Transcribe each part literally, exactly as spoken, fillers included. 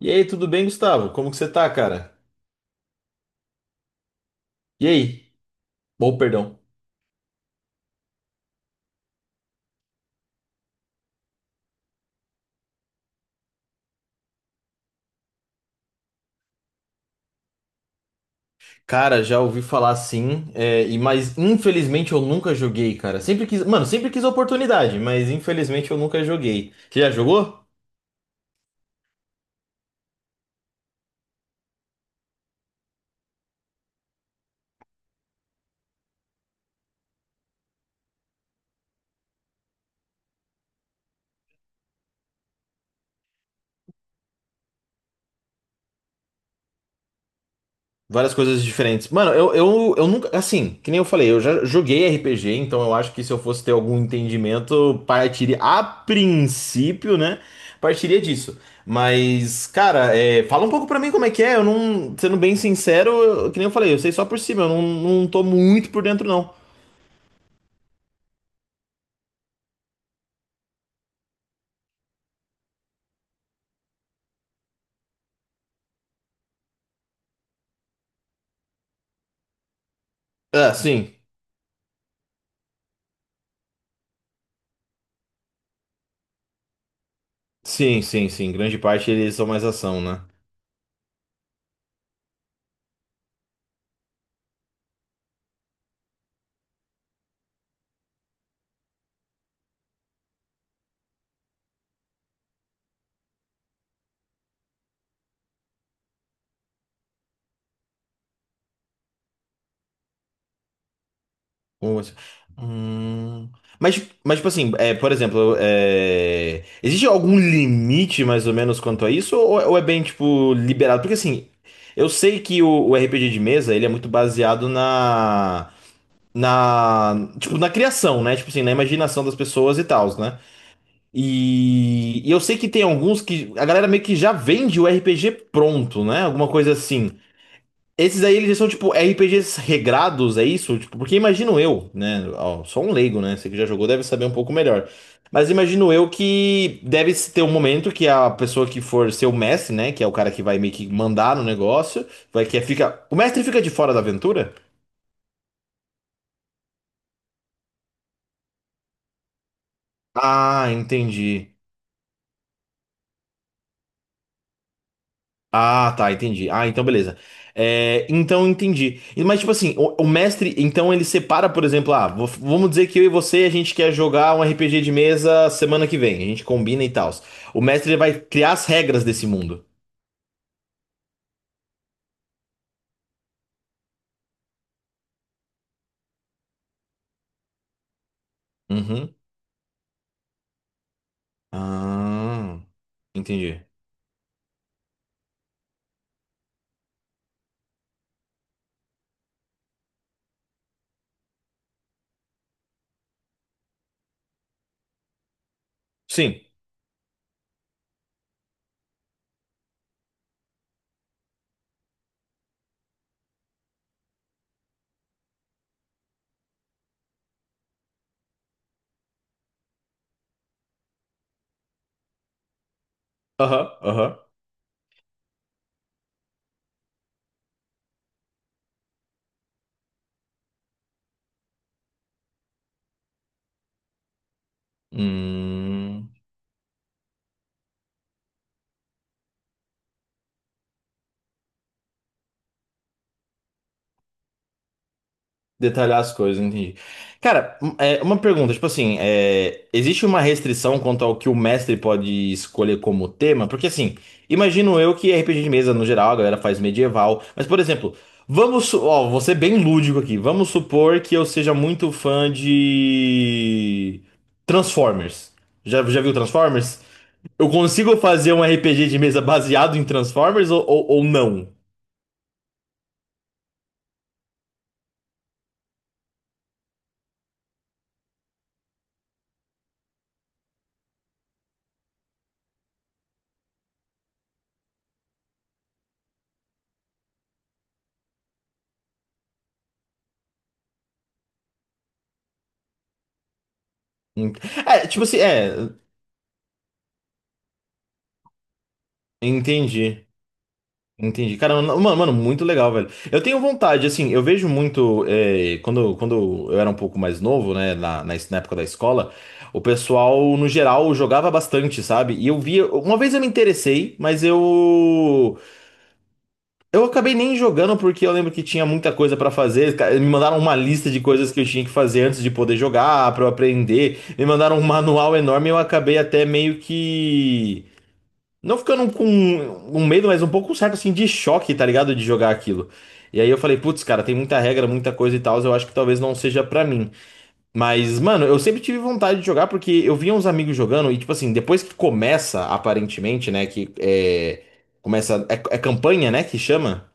E aí, tudo bem, Gustavo? Como que você tá, cara? E aí? Ou, perdão. Cara, já ouvi falar sim, é, e mas infelizmente eu nunca joguei, cara. Sempre quis, mano, sempre quis a oportunidade, mas infelizmente eu nunca joguei. Você já jogou? Várias coisas diferentes. Mano, eu, eu, eu nunca. Assim, que nem eu falei, eu já joguei R P G, então eu acho que se eu fosse ter algum entendimento, partiria. A princípio, né? Partiria disso. Mas, cara, é, fala um pouco pra mim como é que é. Eu não. Sendo bem sincero, eu- que nem eu falei, eu sei só por cima, eu não, não tô muito por dentro, não. Ah, sim. Sim, sim, sim. Grande parte eles são mais ação, né? Ou assim, hum. Mas, mas, tipo assim, é, por exemplo, é, existe algum limite mais ou menos quanto a isso? Ou, ou é bem, tipo, liberado? Porque, assim, eu sei que o, o R P G de mesa, ele é muito baseado na, na, tipo, na criação, né? Tipo assim, na imaginação das pessoas e tals, né? E, e eu sei que tem alguns que a galera meio que já vende o R P G pronto, né? Alguma coisa assim. Esses aí, eles são tipo R P Gs regrados, é isso? Tipo, porque imagino eu, né? Ó, sou um leigo, né? Você que já jogou deve saber um pouco melhor. Mas imagino eu que deve ter um momento que a pessoa que for ser o mestre, né? Que é o cara que vai meio que mandar no negócio, vai que fica. O mestre fica de fora da aventura? Ah, entendi. Ah, tá, entendi. Ah, então beleza. É, então entendi. E- Mas tipo assim, o, o mestre, então ele separa, por exemplo, ah, vo- vamos dizer que eu e você a gente quer jogar um R P G de mesa semana que vem, a gente combina e tal. O mestre ele vai criar as regras desse mundo. Uhum. Ah, entendi. Sim. Aham, aham. Hum. Detalhar as coisas, entendi. Cara, um- é, uma pergunta, tipo assim, é, existe uma restrição quanto ao que o mestre pode escolher como tema? Porque assim, imagino eu que R P G de mesa, no geral, a galera faz medieval, mas por exemplo, vamos, su- ó, vou ser bem lúdico aqui, vamos supor que eu seja muito fã de Transformers. Já, já viu Transformers? Eu consigo fazer um R P G de mesa baseado em Transformers ou, ou, ou não? É, tipo assim, é, entendi. Entendi. Cara, mano, mano, muito legal, velho. Eu tenho vontade, assim, eu vejo muito. eh, quando, quando eu era um pouco mais novo, né, na, na, na época da escola, o pessoal, no geral, jogava bastante, sabe? E eu via. Uma vez eu me interessei, mas eu. Eu acabei nem jogando porque eu lembro que tinha muita coisa pra fazer. Ca- Me mandaram uma lista de coisas que eu tinha que fazer antes de poder jogar, pra eu aprender. Me mandaram um manual enorme e eu acabei até meio que. Não ficando com um medo, mas um pouco certo assim de choque, tá ligado? De jogar aquilo. E aí eu falei, putz, cara, tem muita regra, muita coisa e tal, eu acho que talvez não seja pra mim. Mas, mano, eu sempre tive vontade de jogar porque eu via uns amigos jogando e, tipo assim, depois que começa, aparentemente, né, que é. Começa. É, é campanha, né, que chama?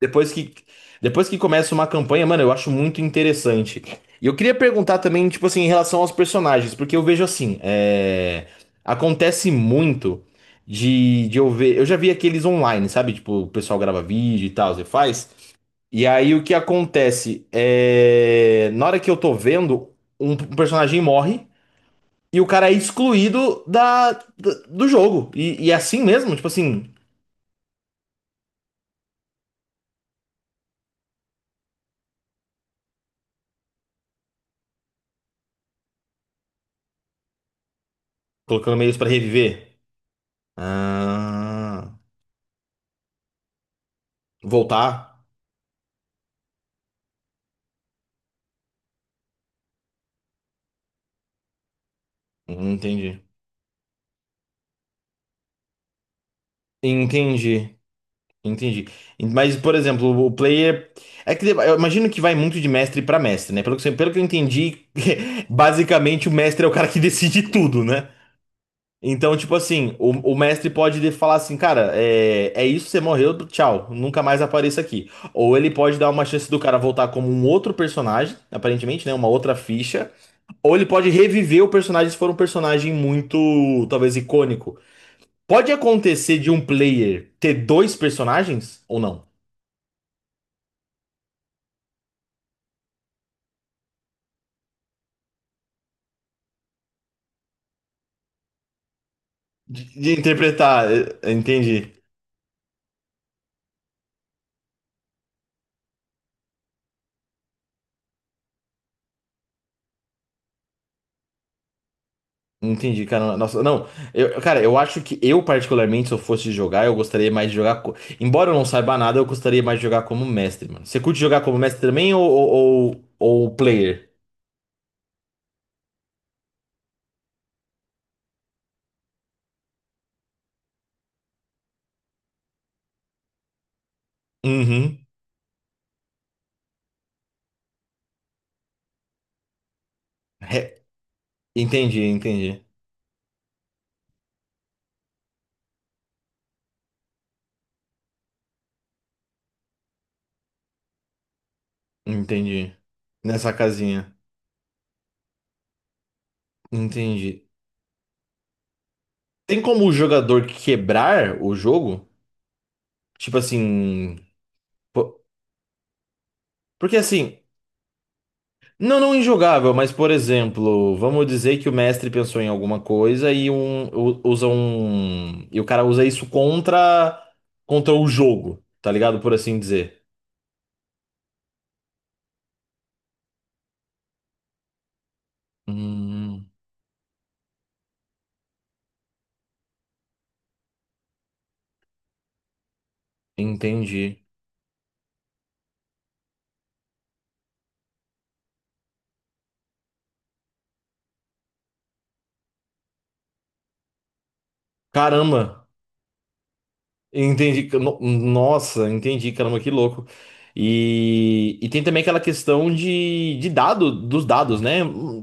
Depois que, depois que começa uma campanha, mano, eu acho muito interessante. E eu queria perguntar também, tipo assim, em relação aos personagens, porque eu vejo assim, é, acontece muito de, de eu ver. Eu já vi aqueles online, sabe? Tipo, o pessoal grava vídeo e tal, você faz. E aí o que acontece é. Na hora que eu tô vendo, um um personagem morre e o cara é excluído da, da- do jogo. E, e é assim mesmo, tipo assim, colocando meios pra reviver. Ah. Voltar? Uhum, Entendi. Entendi. Entendi. Mas, por exemplo, o player. É que eu imagino que vai muito de mestre pra mestre, né? Pelo que, eu- pelo que eu entendi, basicamente o mestre é o cara que decide tudo, né? Então, tipo assim, o, o mestre pode de- falar assim, cara, é, é isso, você morreu, tchau, nunca mais apareça aqui. Ou ele pode dar uma chance do cara voltar como um outro personagem, aparentemente, né? Uma outra ficha. Ou ele pode reviver o personagem se for um personagem muito, talvez, icônico. Pode acontecer de um player ter dois personagens ou não? De, de interpretar, eh, entendi. Entendi, cara. Nossa, não. Eu, cara, eu acho que eu, particularmente, se eu fosse jogar, eu gostaria mais de jogar. co- Embora eu não saiba nada, eu gostaria mais de jogar como mestre, mano. Você curte jogar como mestre também ou, ou, ou ou player? Uhum. Re- Entendi, entendi. Entendi. Nessa casinha. Entendi. Tem como o jogador quebrar o jogo? Tipo assim. po- Porque assim. Não, não injogável, mas por exemplo, vamos dizer que o mestre pensou em alguma coisa e um u- usa um e o cara usa isso contra contra o jogo, tá ligado? Por assim dizer. Hum, entendi. Caramba. Entendi. que- no- Nossa, entendi, caramba, que louco. E, e tem também aquela questão de, de dado, dos dados, né?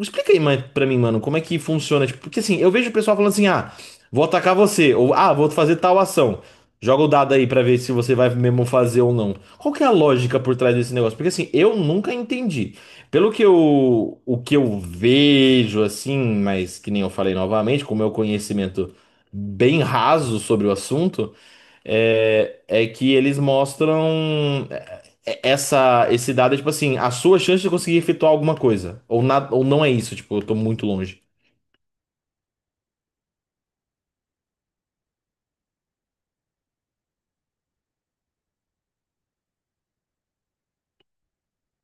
Explica aí mais pra mim, mano, como é que funciona? Tipo, porque assim, eu vejo o pessoal falando assim, ah, vou atacar você, ou ah, vou fazer tal ação. Joga o dado aí pra ver se você vai mesmo fazer ou não. Qual que é a lógica por trás desse negócio? Porque assim, eu nunca entendi. Pelo que eu, o que eu vejo, assim, mas que nem eu falei novamente, com o meu conhecimento bem raso sobre o assunto. É, é que eles mostram é, é, essa, esse dado, é, tipo assim, a sua chance de conseguir efetuar alguma coisa. Ou, na, ou não é isso, tipo, eu tô muito longe.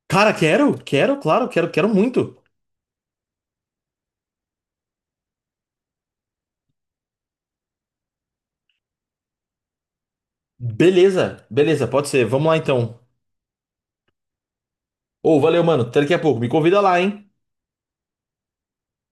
Cara, quero, quero, claro, quero, quero muito. Beleza, beleza, pode ser. Vamos lá então. Ô, valeu, mano. Até daqui a pouco. Me convida lá, hein?